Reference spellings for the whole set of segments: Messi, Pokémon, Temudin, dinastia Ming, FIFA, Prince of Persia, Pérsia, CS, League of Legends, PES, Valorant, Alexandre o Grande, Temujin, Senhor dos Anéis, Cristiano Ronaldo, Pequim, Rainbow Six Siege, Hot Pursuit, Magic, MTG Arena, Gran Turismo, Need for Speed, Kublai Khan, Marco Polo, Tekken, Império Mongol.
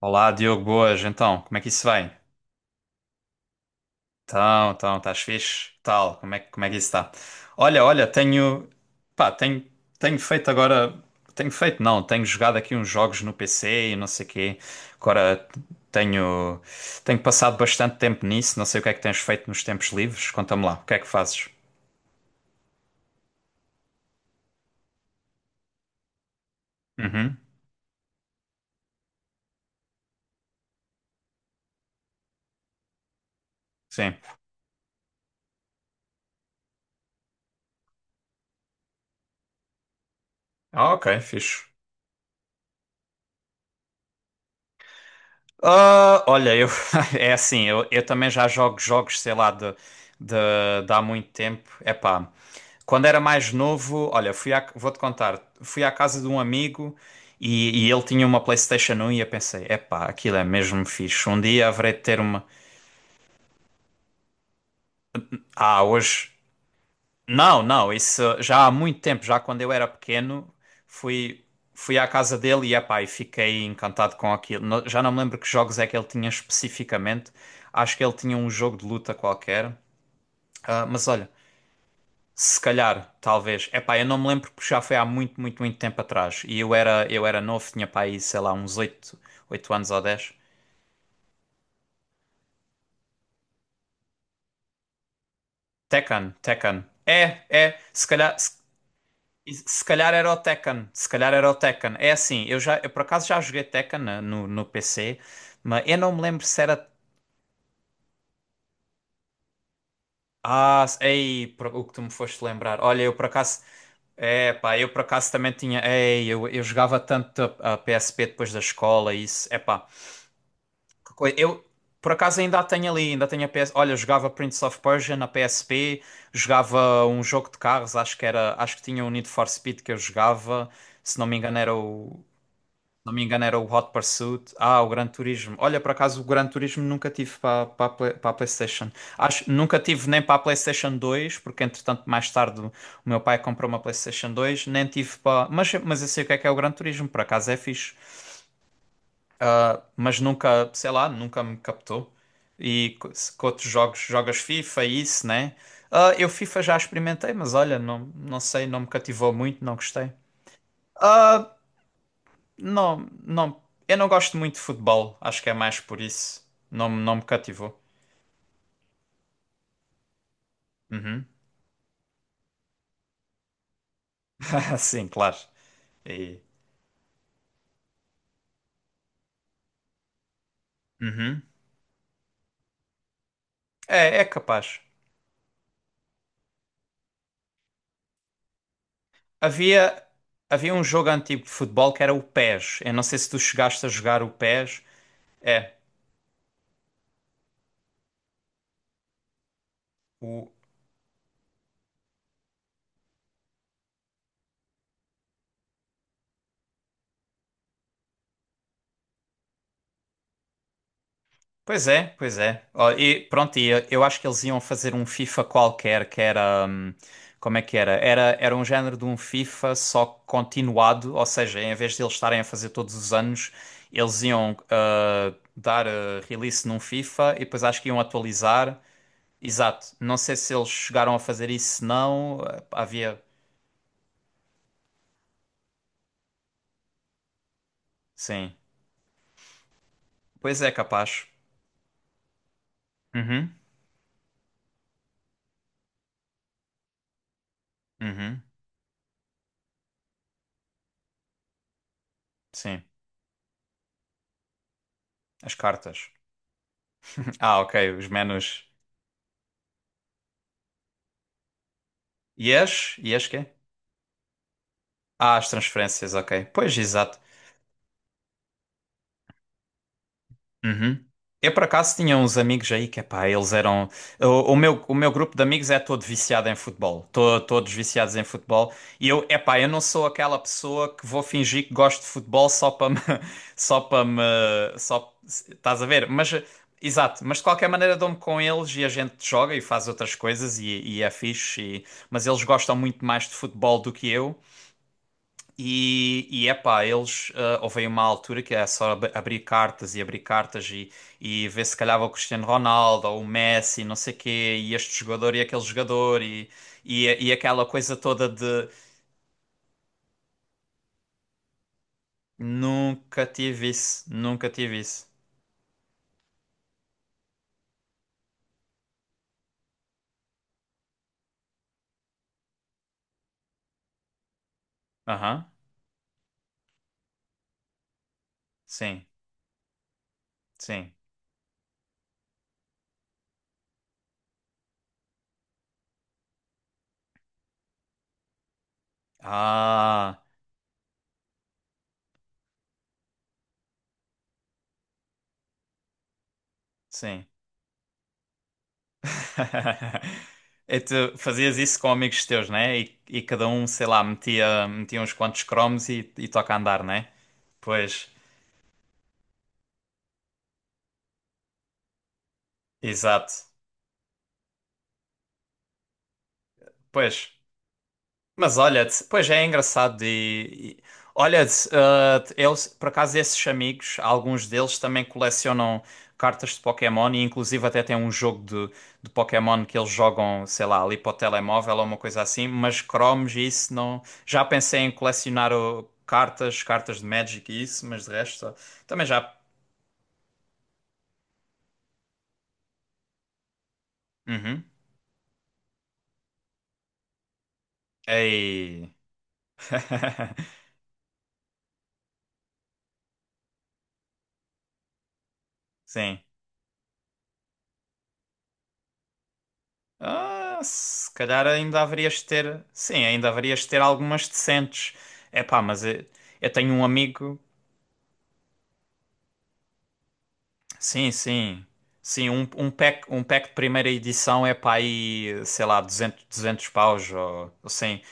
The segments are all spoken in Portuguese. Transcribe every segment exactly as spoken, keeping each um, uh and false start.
Olá, Diogo, boas. Então, como é que isso vai? Então, então, estás fixe? Tal, como é, que- como é que isso está? Olha, olha, tenho, pá, tenho, tenho feito agora, tenho feito não, tenho jogado aqui uns jogos no P C e não sei quê. Agora tenho, tenho passado bastante tempo nisso, não sei o que é que tens feito nos tempos livres, conta-me lá, o que é que fazes? Uhum, sim. Ah, ok, fixe. Ah, olha, eu é assim, eu, eu também já jogo jogos, sei lá, de, de, de há muito tempo. Epá, quando era mais novo, olha, fui à- vou-te contar, fui à casa de um amigo e, e ele tinha uma PlayStation um e eu pensei, epá, aquilo é mesmo fixe. Um dia haverei de ter uma. Ah, hoje. Não, não, isso já há muito tempo, já quando eu era pequeno, fui, fui à casa dele e, epá, e fiquei encantado com aquilo. No- Já não me lembro que jogos é que ele tinha especificamente. Acho que ele tinha um jogo de luta qualquer. Ah, mas olha, se calhar, talvez. Epá, eu não me lembro porque já foi há muito, muito, muito tempo atrás. E eu era, eu era novo, tinha pá aí, sei lá, uns oito oito anos ou dez. Tekken, Tekken. É, é, se calhar. E se calhar era o Tekken, se calhar era o Tekken. É assim, eu já, eu por acaso já joguei Tekken na- no, no P C, mas eu não me lembro se era. Ah, se- ei, por- o que tu me foste lembrar. Olha, eu por acaso. É, pá, eu por acaso também tinha. Ei, eu, eu jogava tanto a, a P S P depois da escola, e isso. É pá, que coi- eu por acaso ainda a tenho ali, ainda tenho a P S. Olha, eu jogava Prince of Persia na P S P, jogava um jogo de carros, acho que era. Acho que tinha o Need for Speed que eu jogava, se não me engano era o. não me engano, era o Hot Pursuit. Ah, o Gran Turismo. Olha, por acaso, o Gran Turismo nunca tive para para a Play- para a PlayStation. Acho, nunca tive nem para a PlayStation dois, porque entretanto, mais tarde, o meu pai comprou uma PlayStation dois. Nem tive para. Mas, mas eu sei o que é que é o Gran Turismo, por acaso é fixe. Ah, mas nunca, sei lá, nunca me captou. E co- se- com outros jogos, jogas FIFA, e isso, né? Ah, eu FIFA já experimentei, mas olha, não, não sei, não me cativou muito, não gostei. Ah, não, não. Eu não gosto muito de futebol. Acho que é mais por isso. Não, me- não me cativou. Uhum. Sim, claro. E- Uhum. É, é capaz. Havia, havia um jogo antigo de futebol que era o pés. Eu não sei se tu chegaste a jogar o P E S. É. O, Pois é, pois é. Ó, e pronto, e eu eu acho que eles iam fazer um FIFA qualquer que era. Hum, como é que era? Era, era um género de um FIFA só continuado, ou seja, em vez de eles estarem a fazer todos os anos, eles iam ah, dar ah, release num FIFA e depois acho que iam atualizar. Exato. Não sei se eles chegaram a fazer isso, se não. Ah, havia. Sim. Pois é, capaz. Uhum, uhum, sim. As cartas. Ah, ok, os menus. Yes, yes, quê? Ah, as transferências, ok. Pois, exato. Uhum. Eu, por acaso, tinha uns amigos aí que, pá, eles eram... O, o meu, o meu grupo de amigos é todo viciado em futebol. To- todos viciados em futebol. E eu, epá, eu não sou aquela pessoa que vou fingir que gosto de futebol só para me... Só para me... Só... Estás a ver? Mas, eh, exato. Mas, de qualquer maneira, dou-me com eles e a gente joga e faz outras coisas e, e é fixe. e- Mas eles gostam muito mais de futebol do que eu. E, e epá, eles, ah, houve aí uma altura que é só ab- abrir cartas e abrir cartas e, e ver se calhava o Cristiano Ronaldo ou o Messi, não sei quê, e este jogador e aquele jogador e, e, e aquela coisa toda de nunca tive isso, nunca tive isso. Aham, sim, sim. Ah, sim. E tu fazias isso com amigos teus, né? E, e cada um, sei lá, metia, metia uns quantos cromos e, e toca a andar, né? Pois, exato. Pois, mas olha-te, pois é engraçado e, e- olha-te, ah, eles, por acaso esses amigos, alguns deles também colecionam cartas de Pokémon e inclusive até tem um jogo de, de Pokémon que eles jogam, sei lá, ali para o telemóvel ou uma coisa assim, mas cromos e isso não, já pensei em colecionar o cartas, cartas de Magic e isso, mas de resto, também já, uhum, ei, sim. Ah, se calhar ainda haverias de ter. Sim, ainda haverias de ter algumas decentes. É pá, mas eu, eu tenho um amigo. Sim, sim. Sim, um, um pack, um pack de primeira edição é pá aí, sei lá, duzentos duzentos paus ou ou cento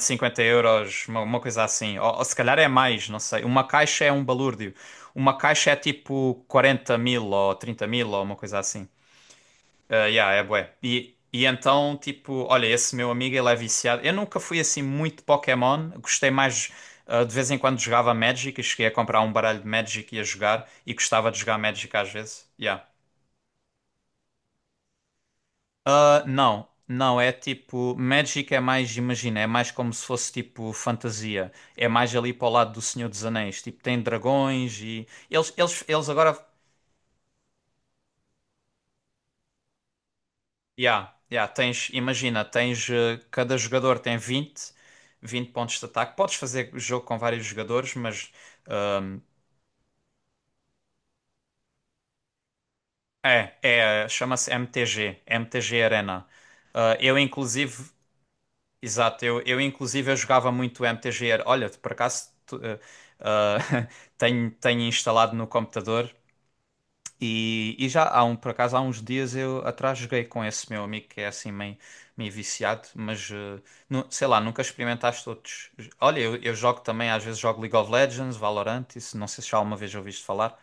e cinquenta euros, uma, uma coisa assim. Ou, ou se calhar é mais, não sei. Uma caixa é um balúrdio. Uma caixa é tipo quarenta mil ou trinta mil ou uma coisa assim. Ah, yeah, é bué. E, e então, tipo, olha, esse meu amigo, ele é viciado. Eu nunca fui assim muito Pokémon, gostei mais. Ah, de vez em quando jogava Magic e cheguei a comprar um baralho de Magic e a jogar, e gostava de jogar Magic às vezes. Yeah. Ah, não, não, é tipo. Magic é mais, imagina, é mais como se fosse tipo fantasia. É mais ali para o lado do Senhor dos Anéis. Tipo, tem dragões e. Eles, eles, eles agora Yeah, yeah, tens, imagina, tens, eh, cada jogador tem vinte vinte pontos de ataque. Podes fazer jogo com vários jogadores, mas eh, é, é, chama-se M T G, M T G Arena. Ah, eu inclusive, exato, eu, eu inclusive eu jogava muito M T G. Ar- Olha, por acaso tu- eh, ah, tenho, tenho instalado no computador. E, e já há um, por acaso, há uns dias eu atrás joguei com esse meu amigo que é assim meio, meio viciado, mas eh, nu- sei lá, nunca experimentaste outros. Olha, eu, eu jogo também, às vezes jogo League of Legends, Valorant, isso não sei se já alguma vez ouviste falar.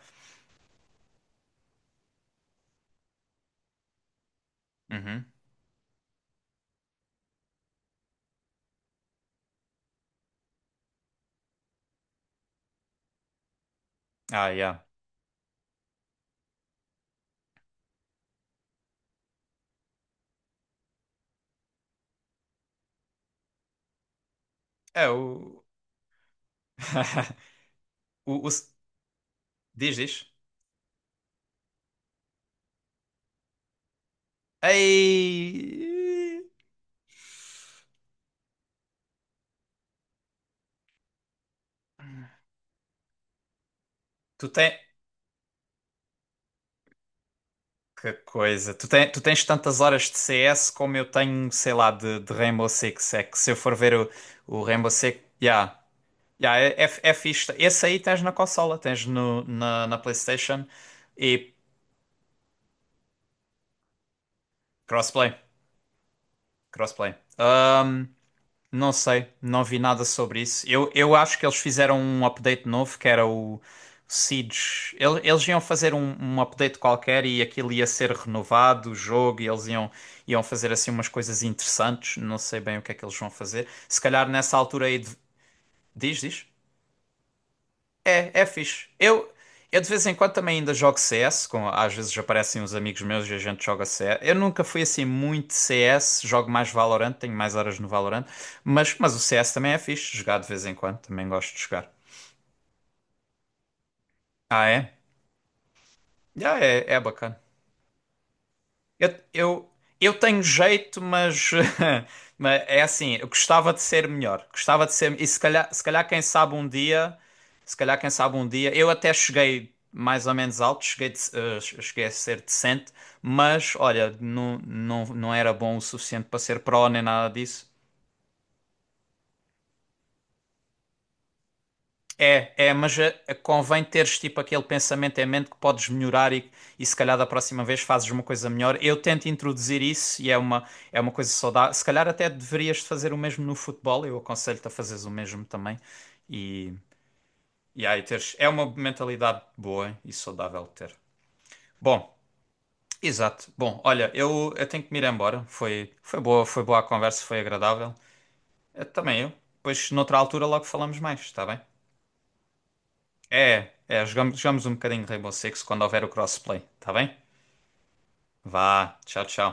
Uhum. Ah, yeah. É o. o, o... Diz, diz. Ei! Tu tens. Que coisa! Tu, tem, tu tens tantas horas de C S como eu tenho, sei lá, de, de Rainbow Six. É que se eu for ver o, o Rainbow Six. Yeah. Ya, é, é, é fixe. Esse aí tens na consola, tens no, na, na PlayStation e crossplay. Crossplay. Ahm, não sei, não vi nada sobre isso. Eu, eu acho que eles fizeram um update novo que era o Siege. Ele- Eles iam fazer um, um update qualquer e aquilo ia ser renovado, o jogo, e eles iam, iam fazer assim umas coisas interessantes. Não sei bem o que é que eles vão fazer. Se calhar nessa altura aí. de- Diz, diz. É, é fixe. Eu, eu de vez em quando também ainda jogo C S, com, às vezes aparecem uns amigos meus e a gente joga C S. Eu nunca fui assim muito C S, jogo mais Valorant, tenho mais horas no Valorant, mas, mas o C S também é fixe, jogar de vez em quando, também gosto de jogar. Ah, é? Ah, é, é bacana. Eu, eu, eu tenho jeito, mas, mas é assim, eu gostava de ser melhor. Gostava de ser. E se calhar, se calhar, quem sabe um dia, se calhar, quem sabe um dia, eu até cheguei mais ou menos alto, cheguei, de- eh, cheguei a ser decente, mas olha, não, não, não era bom o suficiente para ser pró nem nada disso. É, é, mas eh, convém teres tipo aquele pensamento em mente que podes melhorar e, e se calhar da próxima vez fazes uma coisa melhor. Eu tento introduzir isso e é uma, é uma coisa saudável. Se calhar até deverias fazer o mesmo no futebol, eu aconselho-te a fazeres o mesmo também. E, e aí teres, é uma mentalidade boa e saudável de ter. Bom, exato. Bom, olha, eu, eu tenho que me ir embora. Foi, foi boa, foi boa a conversa, foi agradável. Eh, também eu. Depois, noutra altura, logo falamos mais, está bem? É, é, jogamos, jogamos um bocadinho de Rainbow Six quando houver o crossplay, tá bem? Vá, tchau, tchau.